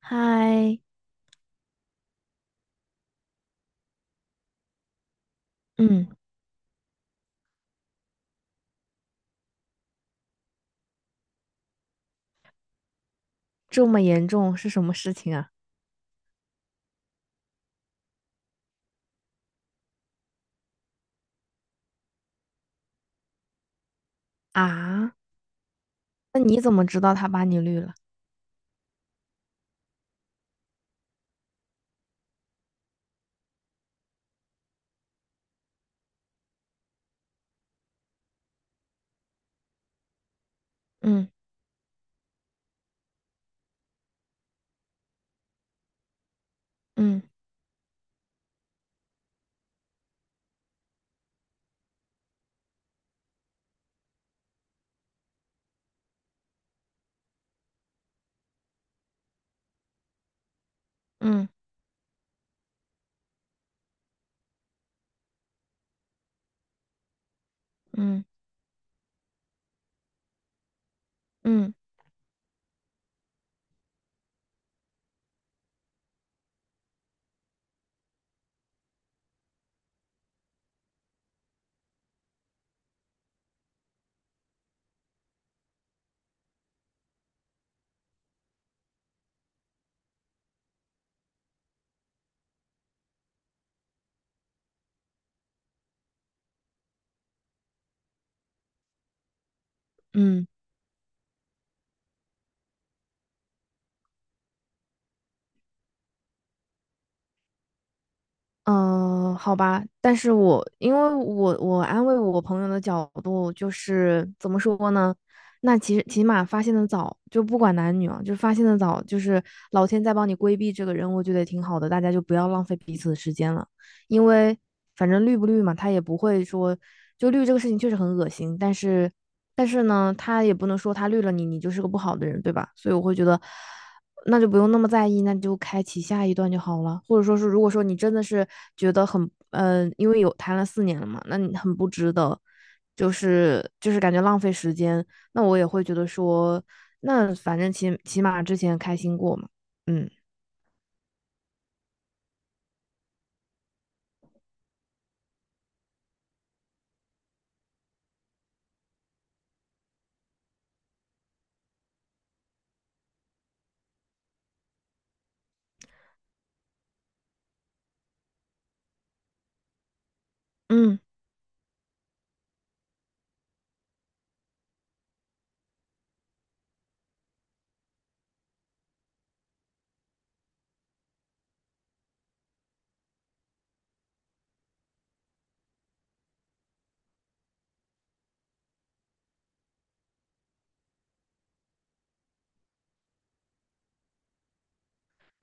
嗨，嗯，这么严重是什么事情啊？啊，那你怎么知道他把你绿了？嗯嗯嗯嗯嗯嗯嗯，好吧，但是我因为我安慰我朋友的角度就是怎么说呢？那其实起码发现的早，就不管男女啊，就发现的早，就是老天在帮你规避这个人，我觉得也挺好的，大家就不要浪费彼此的时间了，因为反正绿不绿嘛，他也不会说就绿这个事情确实很恶心，但是呢，他也不能说他绿了你，你就是个不好的人，对吧？所以我会觉得。那就不用那么在意，那就开启下一段就好了。或者说是，如果说你真的是觉得很，因为有谈了四年了嘛，那你很不值得，就是感觉浪费时间。那我也会觉得说，那反正起码之前开心过嘛。嗯嗯。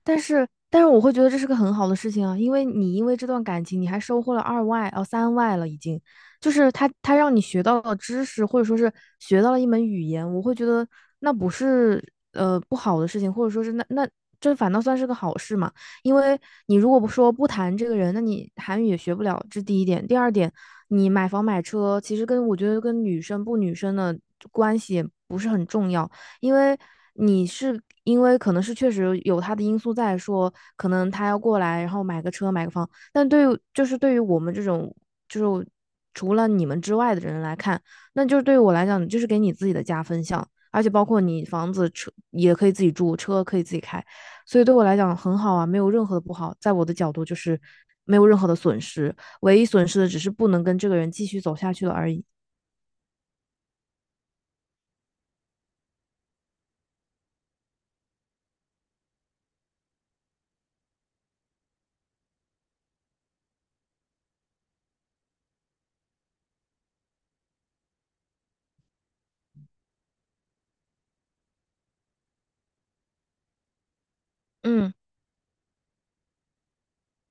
但是我会觉得这是个很好的事情啊，因为你因为这段感情，你还收获了二外哦三外了，已经，就是他让你学到了知识，或者说是学到了一门语言，我会觉得那不是不好的事情，或者说是那这反倒算是个好事嘛，因为你如果不谈这个人，那你韩语也学不了，这第一点。第二点，你买房买车，其实跟我觉得跟女生不女生的关系也不是很重要。因为你是因为可能是确实有他的因素在说，可能他要过来，然后买个车买个房，但对于就是对于我们这种就是除了你们之外的人来看，那就是对于我来讲，就是给你自己的加分项，而且包括你房子车也可以自己住，车可以自己开，所以对我来讲很好啊，没有任何的不好，在我的角度就是没有任何的损失，唯一损失的只是不能跟这个人继续走下去了而已。嗯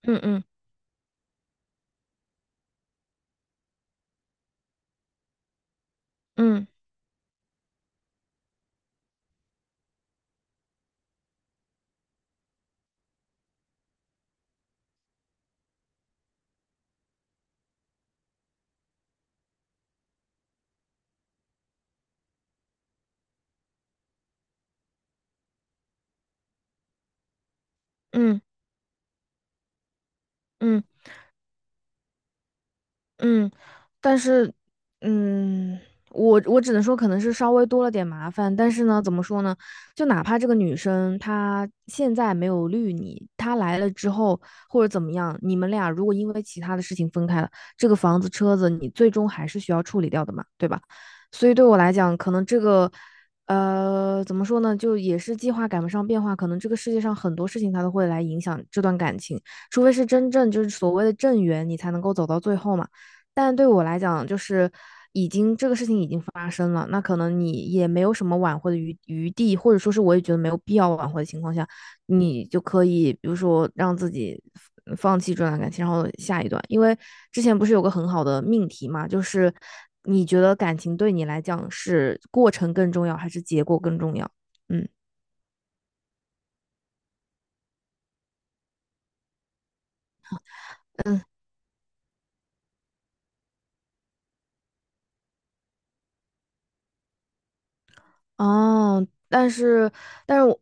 嗯嗯嗯嗯嗯。嗯，但是，嗯，我只能说可能是稍微多了点麻烦，但是呢，怎么说呢？就哪怕这个女生她现在没有绿你，她来了之后或者怎么样，你们俩如果因为其他的事情分开了，这个房子、车子你最终还是需要处理掉的嘛，对吧？所以对我来讲，可能这个，怎么说呢？就也是计划赶不上变化，可能这个世界上很多事情它都会来影响这段感情，除非是真正就是所谓的正缘，你才能够走到最后嘛。但对我来讲，就是已经这个事情已经发生了，那可能你也没有什么挽回的余地，或者说是我也觉得没有必要挽回的情况下，你就可以比如说让自己放弃这段感情，然后下一段。因为之前不是有个很好的命题嘛，就是你觉得感情对你来讲是过程更重要还是结果更重要？嗯嗯哦，但是但是我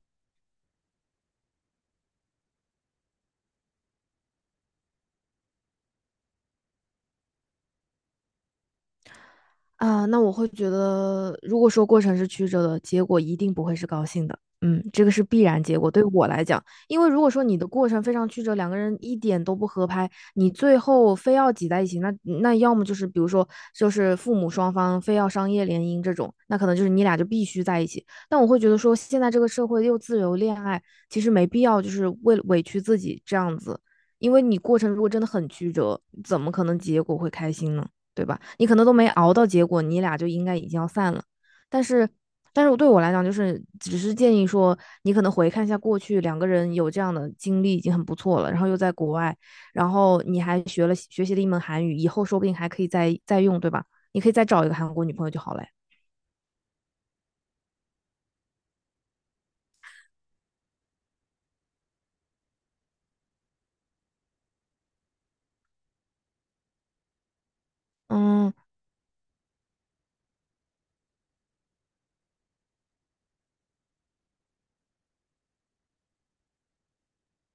啊，那我会觉得，如果说过程是曲折的，结果一定不会是高兴的。嗯，这个是必然结果，对我来讲，因为如果说你的过程非常曲折，两个人一点都不合拍，你最后非要挤在一起，那要么就是比如说就是父母双方非要商业联姻这种，那可能就是你俩就必须在一起。但我会觉得说，现在这个社会又自由恋爱，其实没必要就是为了委屈自己这样子，因为你过程如果真的很曲折，怎么可能结果会开心呢？对吧？你可能都没熬到结果，你俩就应该已经要散了。但是，对我来讲，就是只是建议说，你可能回看一下过去，两个人有这样的经历已经很不错了。然后又在国外，然后你还学习了一门韩语，以后说不定还可以再用，对吧？你可以再找一个韩国女朋友就好了呀。嗯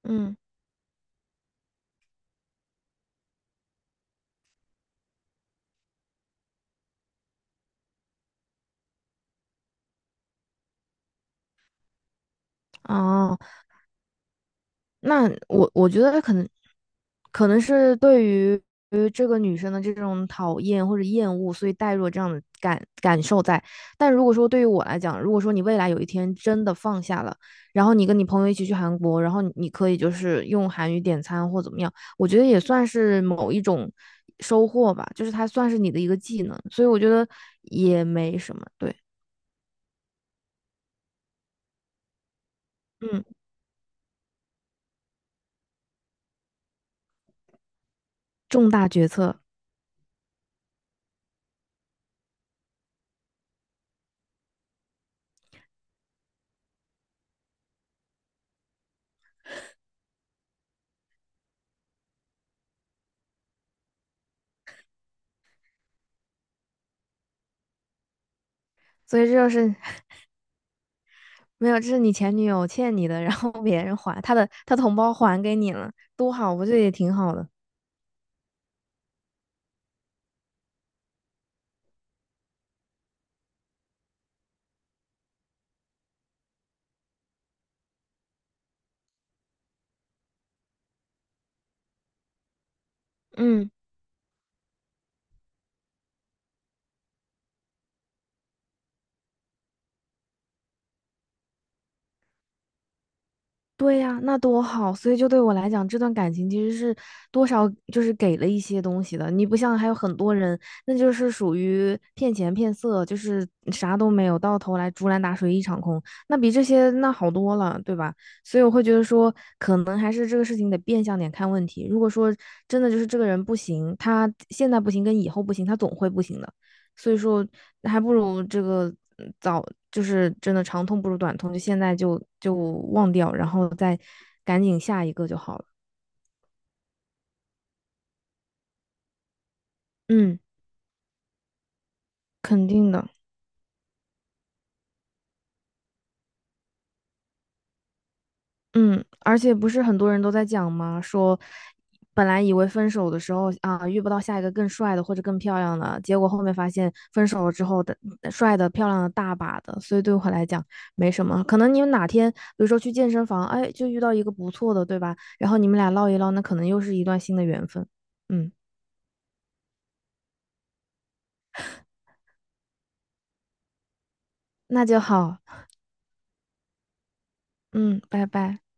嗯哦。那我觉得可能是对于这个女生的这种讨厌或者厌恶，所以带入了这样的感受在。但如果说对于我来讲，如果说你未来有一天真的放下了，然后你跟你朋友一起去韩国，然后你可以就是用韩语点餐或怎么样，我觉得也算是某一种收获吧，就是它算是你的一个技能，所以我觉得也没什么。对，嗯，重大决策，所以这就是没有，这是你前女友欠你的，然后别人还他的，他同胞还给你了，多好，不这也挺好的？嗯，对呀，那多好。所以就对我来讲，这段感情其实是多少就是给了一些东西的。你不像还有很多人，那就是属于骗钱骗色，就是啥都没有，到头来竹篮打水一场空。那比这些那好多了，对吧？所以我会觉得说，可能还是这个事情得变相点看问题。如果说真的就是这个人不行，他现在不行跟以后不行，他总会不行的。所以说还不如这个早就是真的长痛不如短痛，就现在就忘掉，然后再赶紧下一个就好了。嗯，肯定的。嗯，而且不是很多人都在讲吗？说本来以为分手的时候啊，遇不到下一个更帅的或者更漂亮的，结果后面发现分手了之后的帅的、漂亮的大把的，所以对我来讲没什么。可能你们哪天，比如说去健身房，哎，就遇到一个不错的，对吧？然后你们俩唠一唠，那可能又是一段新的缘分。嗯，那就好。嗯，拜拜。